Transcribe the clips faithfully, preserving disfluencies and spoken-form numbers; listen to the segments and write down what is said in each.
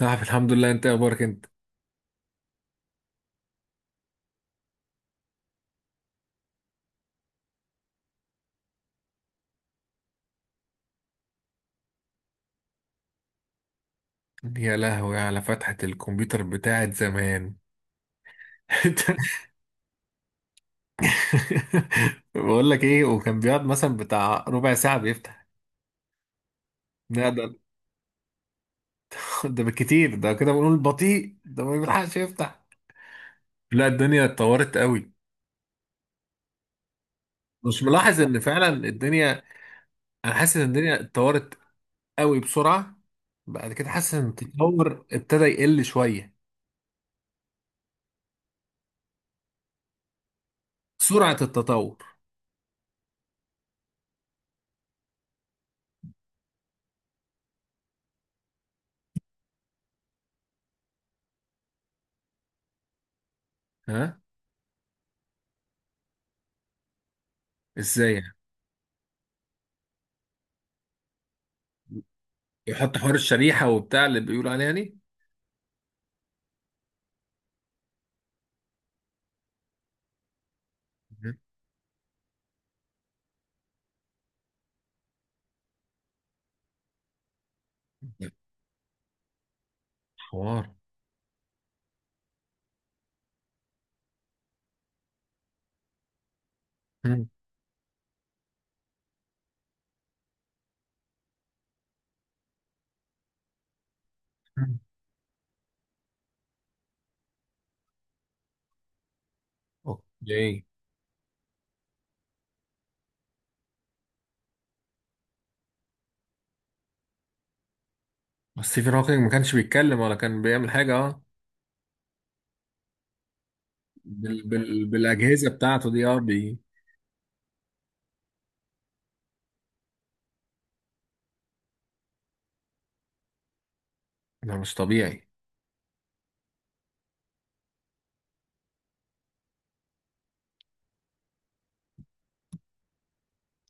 نعم، الحمد لله. انت إيه اخبارك انت؟ يا لهوي على فتحة الكمبيوتر بتاعت زمان! انت! بقول لك ايه، وكان بيقعد مثلا بتاع ربع ساعة بيفتح. لا، ده ده بالكتير، ده كده بنقول بطيء، ده ما بيلحقش يفتح. لا، الدنيا اتطورت قوي. مش ملاحظ ان فعلا الدنيا، انا حاسس ان الدنيا اتطورت قوي بسرعة. بعد كده حاسس ان التطور ابتدى يقل شوية. سرعة التطور. ها، ازاي يعني؟ يحط حوار الشريحة وبتاع اللي بيقولوا عليها. دي، حوار. مم. مم. اوكي. بس ستيفن هوكينج ما كانش بيتكلم ولا كان بيعمل حاجة، اه. بال... بال... بالأجهزة بتاعته دي. اه بي... ده مش طبيعي.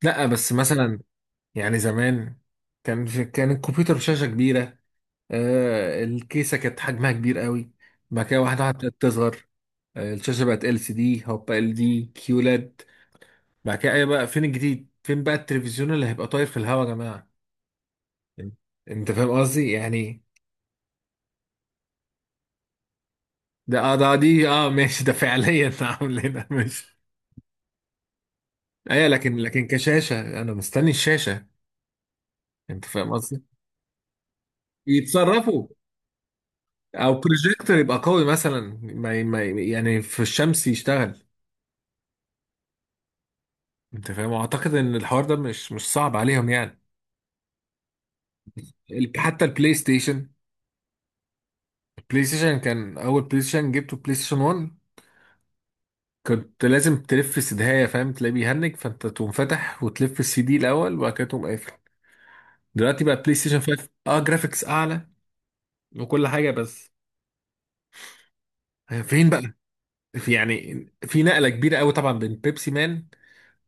لا، بس مثلا، يعني زمان. كان في... كان الكمبيوتر بشاشة كبيرة. آه الكيسة كانت حجمها كبير قوي. بعد كده واحدة واحدة ابتدت تصغر. آه الشاشة بقت ال سي دي، هوبا، ال دي كيولاد. بعد كده ايه بقى؟ فين الجديد؟ فين بقى التلفزيون اللي هيبقى طاير في الهوا يا جماعة؟ انت فاهم قصدي يعني؟ ده اه ده دي اه ماشي، ده فعليا عاملينها، ماشي. ايوه، لكن لكن كشاشه انا مستني الشاشه. انت فاهم قصدي؟ يتصرفوا. او بروجيكتور يبقى قوي مثلا، ما ما يعني في الشمس يشتغل. انت فاهم، اعتقد ان الحوار ده مش مش صعب عليهم يعني. ال- حتى البلاي ستيشن. البلاي ستيشن، كان اول بلاي ستيشن جبته بلاي ستيشن واحد. كنت لازم تلف سدهايه، فاهم، تلاقيه بيهنج فانت تقوم فاتح وتلف السي دي الاول وبعد كده تقوم قافل. دلوقتي بقى بلاي ستيشن خمسة، اه، جرافيكس اعلى وكل حاجه، بس. فين بقى؟ في، يعني، في نقله كبيره قوي طبعا بين بيبسي مان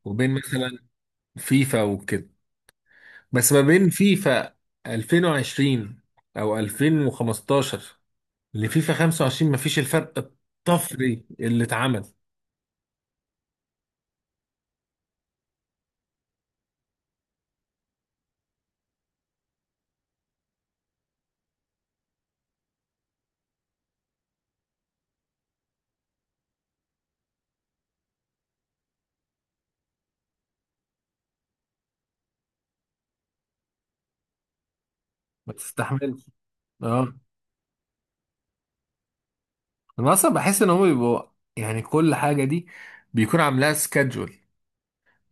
وبين مثلا فيفا وكده. بس ما بين فيفا ألفين وعشرين او ألفين وخمستاشر لفيفا خمسة وعشرين، ما فيش الفرق الطفري اللي اتعمل. ما تستحملش، اه. انا اصلا بحس ان هم بيبقوا، يعني، كل حاجه دي بيكون عاملاها سكادجول.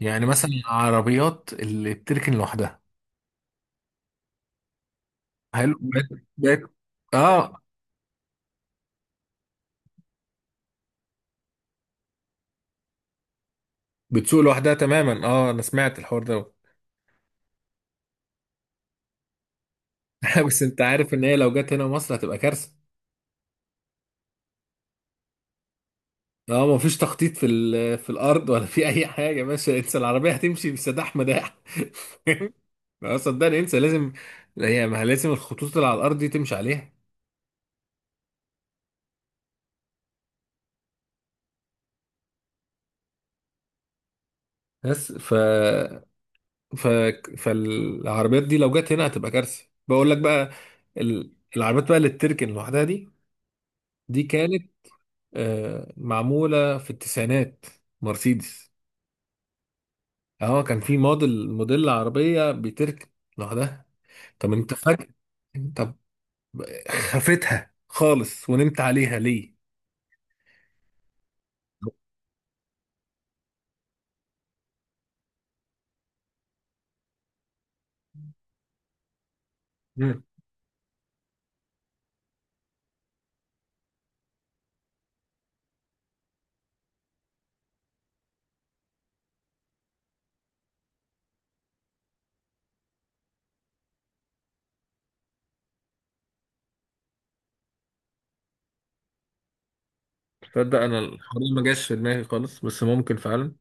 يعني مثلا العربيات اللي بتركن لوحدها، حلو بقت. بقت- اه، بتسوق لوحدها تماما، اه، انا سمعت الحوار ده. بس انت عارف ان هي لو جت هنا مصر هتبقى كارثه. اه، ما فيش تخطيط في ال- في الارض ولا في اي حاجه، ماشي انسى، العربيه هتمشي بسداح مداح. اه، صدقني، انسى لازم. هي ما لازم الخطوط اللي على الارض دي تمشي عليها. بس ف ف فالعربيات دي لو جت هنا هتبقى كارثه، بقول لك بقى. ال... العربيات بقى اللي بتركن لوحدها دي، دي كانت آه معموله في التسعينات، مرسيدس. اه، كان في موديل موديل عربية بتركب لوحدها. طب انت فجأة، طب، خفتها خالص ونمت عليها ليه؟ مم. تصدق انا الحوار ده ما جاش في دماغي خالص، بس ممكن فعلا.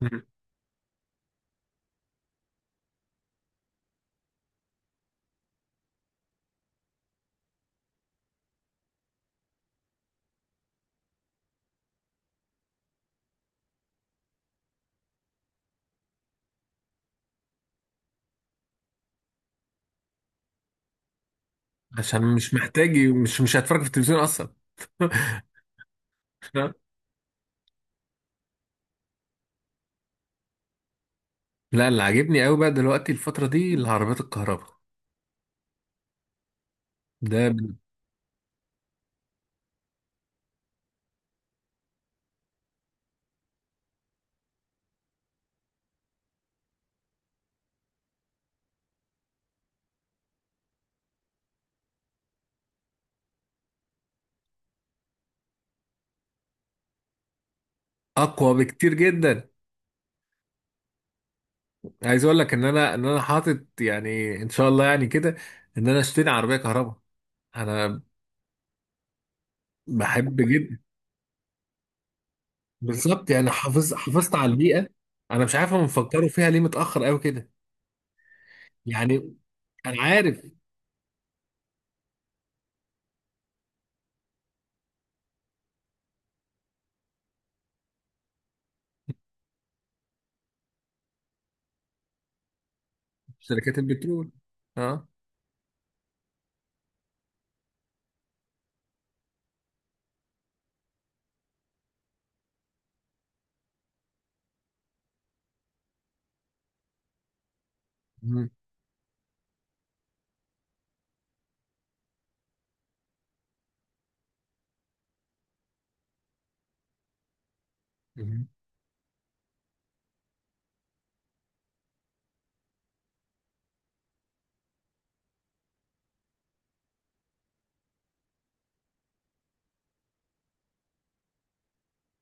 مم. عشان مش محتاج، مش مش هتفرج في التلفزيون اصلا. لا، اللي عاجبني قوي بقى دلوقتي الفترة دي العربيات الكهرباء، ده اقوى بكتير جدا. عايز اقول لك ان انا ان انا حاطط، يعني، ان شاء الله يعني كده، ان انا اشتري عربية كهرباء. انا بحب جدا. بالظبط، يعني حافظ حافظت على البيئه. انا مش عارف هم بيفكروا فيها ليه متاخر قوي كده؟ يعني، انا عارف. شركات البترول، اه. مم. مم.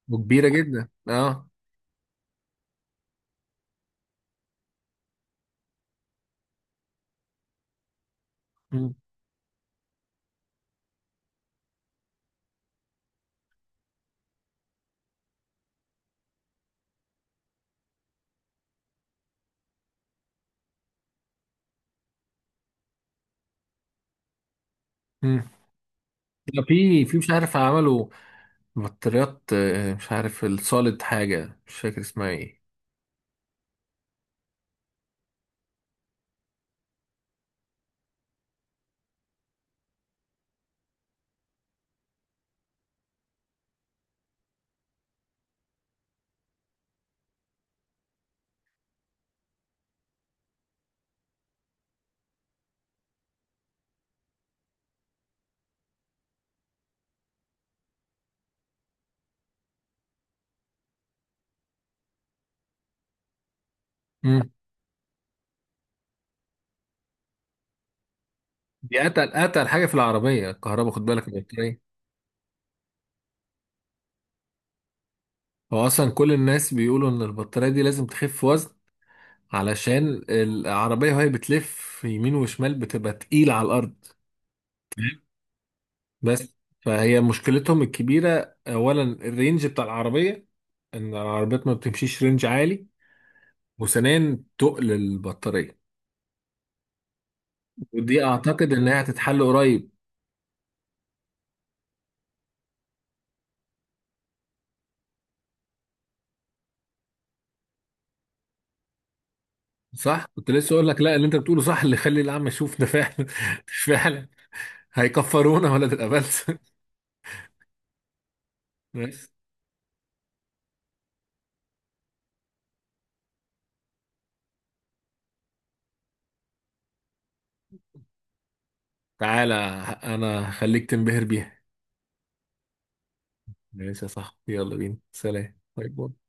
وكبيره جدا، اه. مم. مم. لا، في في مش عارف عملوا بطاريات، آه، مش عارف السوليد، حاجه مش فاكر اسمها ايه. مم. دي اتقل اتقل حاجه في العربيه الكهرباء، خد بالك، البطاريه. هو اصلا كل الناس بيقولوا ان البطاريه دي لازم تخف وزن علشان العربيه وهي بتلف يمين وشمال بتبقى تقيله على الارض. تمام؟ بس، فهي مشكلتهم الكبيرة أولا الرينج بتاع العربية، إن العربيات ما بتمشيش رينج عالي، وثانيا تقل البطارية. ودي أعتقد إن هي هتتحل قريب. صح؟ كنت لسه أقول لك، لا، اللي أنت بتقوله صح، اللي يخلي الأعمى يشوف ده فعلا. فعلا، هيكفرونا ولا تبقى بلس. بس. تعالى، أنا هخليك تنبهر بيها. ماشي يا صاحبي، يلا بينا، سلام، باي باي.